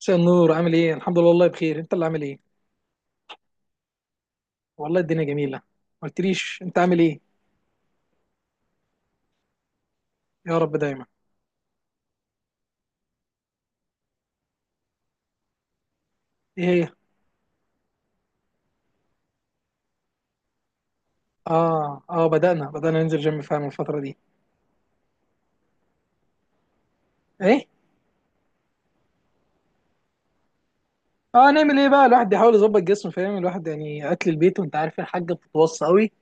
مساء النور. عامل ايه؟ الحمد لله، والله بخير. انت اللي عامل ايه؟ والله الدنيا جميله. ما قلتليش انت عامل ايه. يا رب دايما. ايه هي؟ بدأنا ننزل جيم فعلا الفتره دي. ايه؟ اه، نعمل ايه بقى؟ الواحد بيحاول يظبط جسمه، فاهم، الواحد يعني اكل البيت، وانت عارف الحاجه بتتوصى قوي.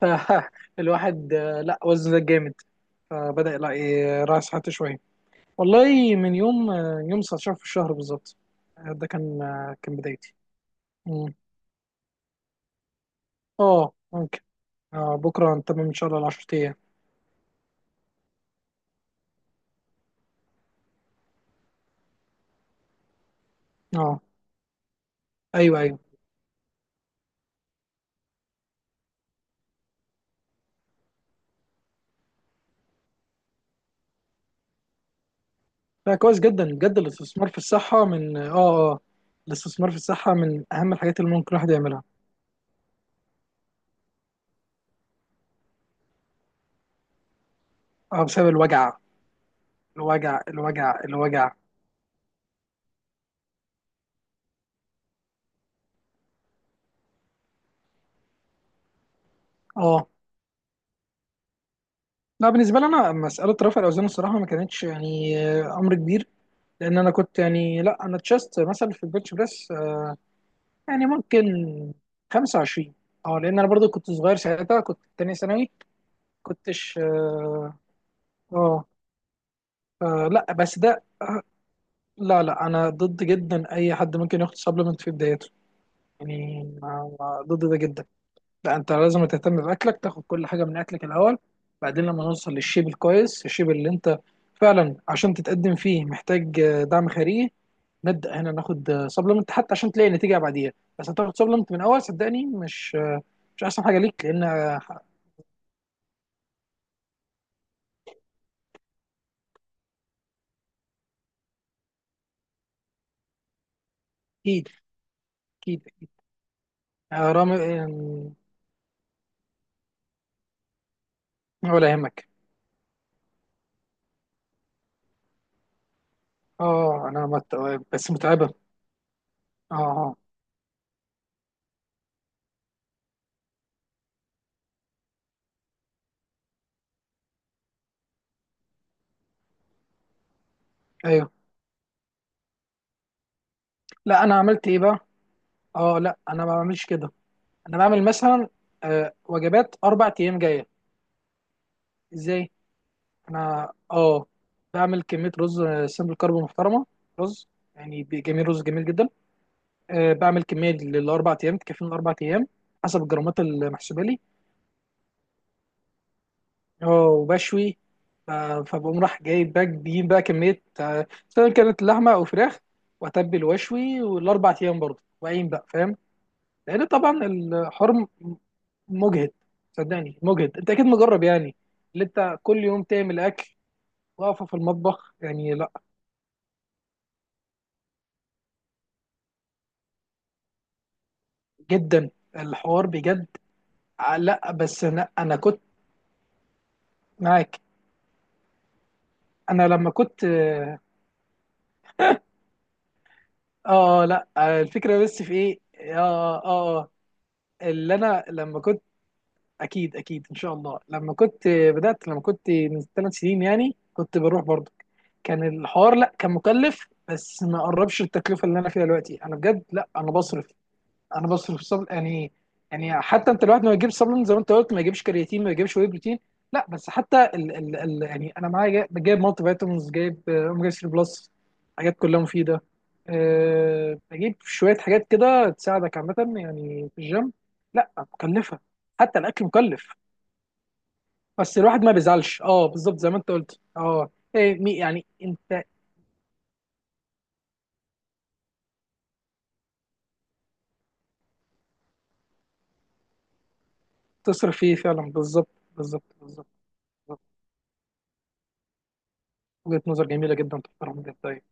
فالواحد لا وزنه زاد جامد. فبدأ، لا راعي صحته شويه. والله من يوم يوم 19 في الشهر بالظبط. ده كان كان بدايتي. مم. اه ممكن. آه، بكره هنتمم ان شاء الله ال 10 ايام. اه. ايوه ايوه. لا كويس جدا بجد، الاستثمار في الصحه من الاستثمار في الصحه من اهم الحاجات اللي ممكن الواحد يعملها. اه بسبب الوجع الوجع الوجع. اه لا، بالنسبه لي انا مساله رفع الاوزان الصراحه ما كانتش يعني امر كبير. لان انا كنت يعني، لا انا تشست مثلا في البنش بريس يعني ممكن 25. اه لان انا برضو كنت صغير ساعتها، كنت تانية ثانوي. كنتش اه. آه، لا بس ده لا انا ضد جدا اي حد ممكن ياخد سبلمنت في بدايته. يعني ضد ده جدا. لا انت لازم تهتم باكلك، تاخد كل حاجه من اكلك الاول. بعدين لما نوصل للشيب الكويس، الشيب اللي انت فعلا عشان تتقدم فيه محتاج دعم خارجي، نبدا هنا ناخد سبلمنت حتى عشان تلاقي نتيجه بعديها. بس هتاخد سبلمنت من اول، صدقني مش مش احسن حاجه ليك. لان اكيد. اكيد. رامي، آه، ولا يهمك. اه انا مت... بس متعبه. اه ايوه. لا انا عملت ايه بقى. اه لا انا ما بعملش كده. انا بعمل مثلا وجبات اربع ايام جايه. ازاي؟ انا اه بعمل كميه رز سمبل كارب محترمه. رز يعني جميل، رز جميل جدا. أه بعمل كميه للاربع ايام، تكفيني الاربع ايام حسب الجرامات المحسوبه لي. اه وبشوي. ف- فبقوم راح جايب بقى بجيب بقى كميه سواء كانت لحمه او فراخ، واتبل واشوي والاربع ايام برضه، واقيم بقى، فاهم؟ لان طبعا الحرم مجهد، صدقني مجهد، انت اكيد مجرب يعني. اللي انت كل يوم تعمل اكل واقفه في المطبخ، يعني لا. جدا. الحوار بجد لا بس انا كنت معاك. انا لما كنت اه لا الفكره بس في ايه. اه اه آه، اللي انا لما كنت، اكيد ان شاء الله. لما كنت بدات، لما كنت من ثلاث سنين يعني، كنت بروح برضه. كان الحوار لا كان مكلف بس ما قربش التكلفه اللي انا فيها دلوقتي. انا بجد لا انا بصرف. انا بصرف صبل يعني. يعني حتى انت الواحد ما يجيبش سبلمنت زي ما انت قلت، ما يجيبش كرياتين، ما يجيبش واي بروتين. لا بس حتى ال يعني انا معايا جايب مالتي فيتامينز، جايب اوميجا 3 بلس، حاجات كلها مفيده. أه بجيب شويه حاجات كده تساعدك عامه يعني في الجيم. لا مكلفه، حتى الاكل مكلف. بس الواحد ما بيزعلش، اه بالظبط زي ما انت قلت. اه يعني انت تصرف فيه فعلا بالظبط. بالظبط بالظبط. وجهه نظر جميله جدا، تحترم جدا. طيب،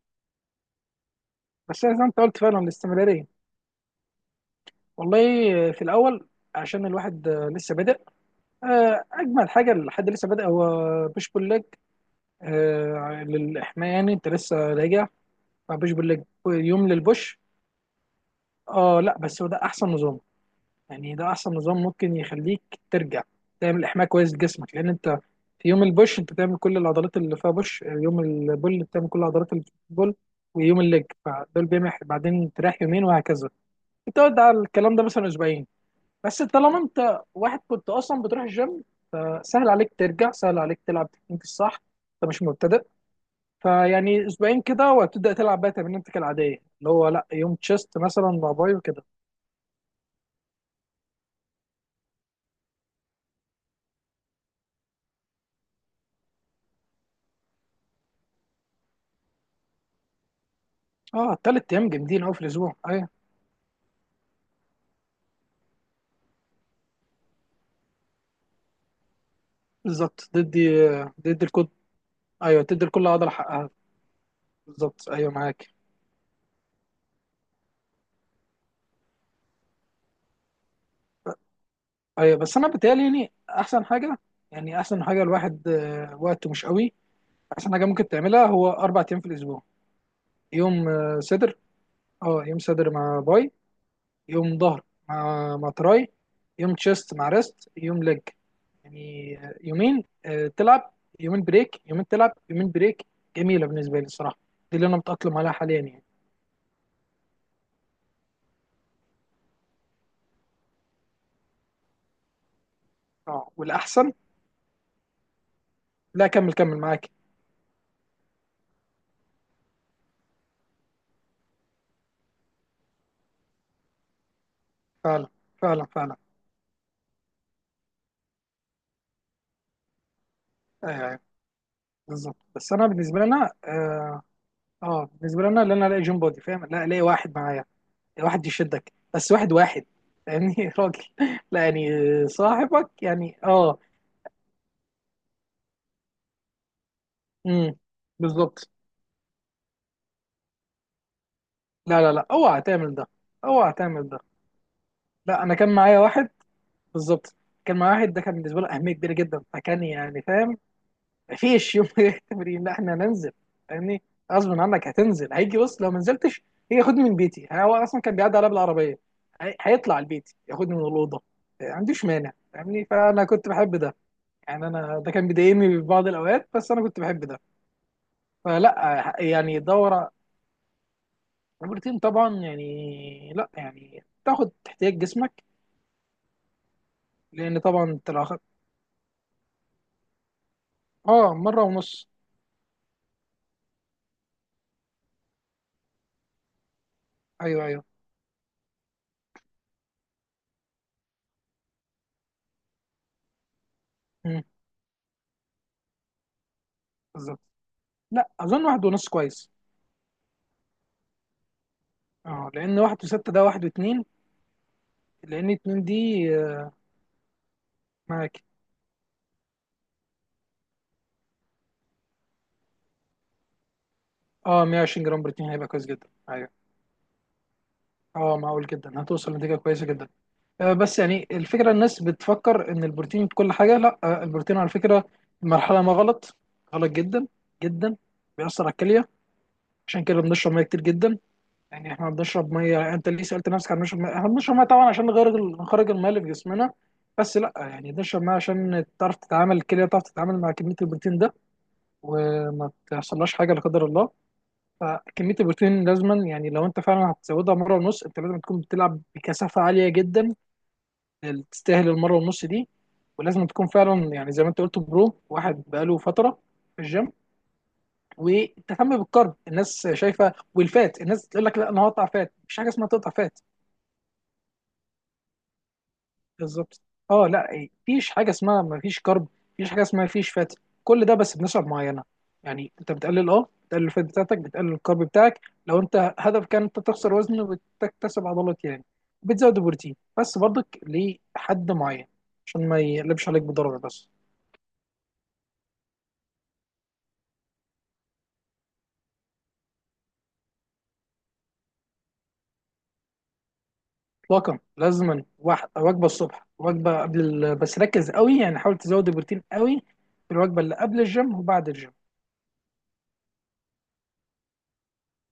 بس زي ما انت قلت فعلا الاستمراريه. والله في الاول، عشان الواحد لسه بادئ، اجمل حاجه لحد لسه بادئ هو بوش بول ليج. للحمايه، يعني انت لسه راجع، فبوش بول ليج. يوم للبوش. اه لا بس هو ده احسن نظام، يعني ده احسن نظام ممكن يخليك ترجع، تعمل احماء كويس لجسمك. لان انت في يوم البوش انت تعمل كل العضلات اللي فيها بوش، يوم البول بتعمل كل العضلات اللي في البول، ويوم الليج، فدول بيعمل، بعدين تريح يومين وهكذا. بتقعد على الكلام ده مثلا اسبوعين. بس طالما انت واحد كنت اصلا بتروح الجيم، سهل عليك ترجع، سهل عليك تلعب تكنيك الصح، انت مش مبتدئ. فيعني اسبوعين كده وهتبدا تلعب بقى تمرينتك العاديه اللي هو لا يوم تشيست مثلا مع باي وكده. اه تلات ايام جامدين قوي في الاسبوع ايوه. بالظبط، تدي تدي الكل. ايوه تدي لكل عضله حقها. بالظبط ايوه، معاك. ايوه بس انا بتهيألي يعني احسن حاجه، يعني احسن حاجه الواحد وقته مش قوي، احسن حاجه ممكن تعملها هو اربع ايام في الاسبوع. يوم صدر، اه يوم صدر مع باي، يوم ظهر مع تراي، يوم تشيست مع ريست، يوم ليج. يعني يومين تلعب يومين بريك، يومين تلعب يومين بريك. جميلة بالنسبة لي الصراحة، دي اللي أنا متأقلم عليها حاليا يعني. اه والأحسن، لا كمل كمل معاك. فعلا فعلا فعلا. أيوه أيوه بالظبط. بس أنا بالنسبة لنا اه بالنسبة لنا اللي أنا ألاقي جيم بودي، فاهم، لا ألاقي واحد معايا، واحد يشدك، بس واحد واحد يعني، راجل. لا يعني صاحبك يعني اه. امم. بالظبط. لا لا لا اوعى تعمل ده، اوعى تعمل ده. لا انا كان معايا واحد. بالظبط، كان معايا واحد ده كان بالنسبه له اهميه كبيره جدا، فكان يعني فاهم، مفيش يوم تمرين لا احنا هننزل، فاهمني؟ غصب عنك هتنزل، هيجي بص لو ما نزلتش هيجي ياخدني من بيتي. يعني هو اصلا كان بيعدي عليا بالعربيه، هيطلع البيت ياخدني من الاوضه. ما عنديش مانع فاهمني، فانا كنت بحب ده. يعني انا ده كان بيضايقني في بعض الاوقات بس انا كنت بحب ده. فلا يعني دوره. البروتين طبعا يعني لا يعني تاخد احتياج جسمك. لان طبعا انت لو اه مره ونص. ايوه ايوه. مم، بالظبط. لا اظن واحد ونص كويس. اه لان واحد وستة ده واحد واتنين، لان اتنين دي آه، معاك. اه 120 جرام بروتين هيبقى كويس جدا ايوه. اه معقول جدا، هتوصل لنتيجه كويسه جدا. آه بس يعني الفكره الناس بتفكر ان البروتين كل حاجه. لا آه البروتين على فكره المرحله ما غلط، غلط جدا، جدا، بيأثر على الكليه. عشان كده بنشرب ميه كتير جدا. يعني احنا بنشرب ميه، انت ليه سالت نفسك عن نشرب ميه؟ احنا بنشرب ميه طبعا عشان نغير، نخرج الميه اللي في جسمنا، بس لا يعني بنشرب ميه عشان تعرف تتعامل الكليه، تعرف تتعامل مع كميه البروتين ده وما تحصلهاش حاجه لا قدر الله. فكميه البروتين لازما، يعني لو انت فعلا هتزودها مره ونص انت لازم تكون بتلعب بكثافه عاليه جدا تستاهل المره ونص دي، ولازم تكون فعلا يعني زي ما انت قلت برو، واحد بقاله فتره في الجيم. وتهتم بالكارب، الناس شايفه والفات الناس تقول لك لا انا هقطع فات، مفيش حاجه اسمها تقطع فات. بالظبط. اه لا مفيش حاجه اسمها مفيش كرب، مفيش حاجه اسمها مفيش فات. كل ده بس بنسب معينه. يعني انت بتقلل، اه بتقلل الفات بتاعتك، بتقلل الكرب بتاعك لو انت هدفك كان انت تخسر وزن وتكتسب عضلات يعني، بتزود البروتين بس برضك لحد معين عشان ما يقلبش عليك بضرر بس. اطلاقا لازما، واحد وجبه الصبح، وجبه قبل بس ركز قوي، يعني حاول تزود البروتين قوي في الوجبه اللي قبل الجيم وبعد الجيم.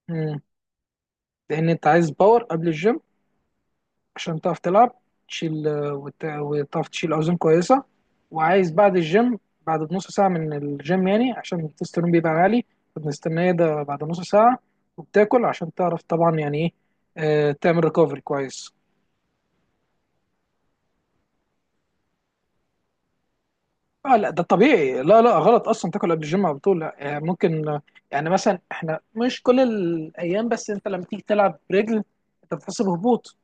مم. لان انت عايز باور قبل الجيم عشان تعرف تلعب، تشيل وتعرف تشيل اوزان كويسه. وعايز بعد الجيم، بعد نص ساعه من الجيم يعني، عشان التستيرون بيبقى عالي فبنستناه ده بعد نص ساعه. وبتاكل عشان تعرف طبعا يعني ايه تعمل ريكفري كويس. آه لا ده طبيعي، لا لا غلط اصلا تاكل قبل الجيم على طول. لا آه، ممكن آه، يعني مثلا احنا مش كل الايام، بس انت لما تيجي تلعب رجل انت بتحس بهبوط،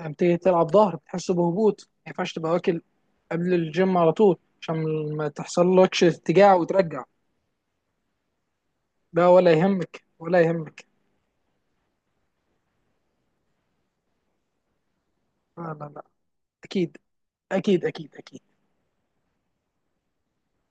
لما بتيجي تلعب ظهر بتحس بهبوط، ما ينفعش تبقى واكل قبل الجيم على طول عشان ما تحصل لكش ارتجاع وترجع. ده ولا يهمك، ولا يهمك. لا لا لا. اكيد اكيد اكيد.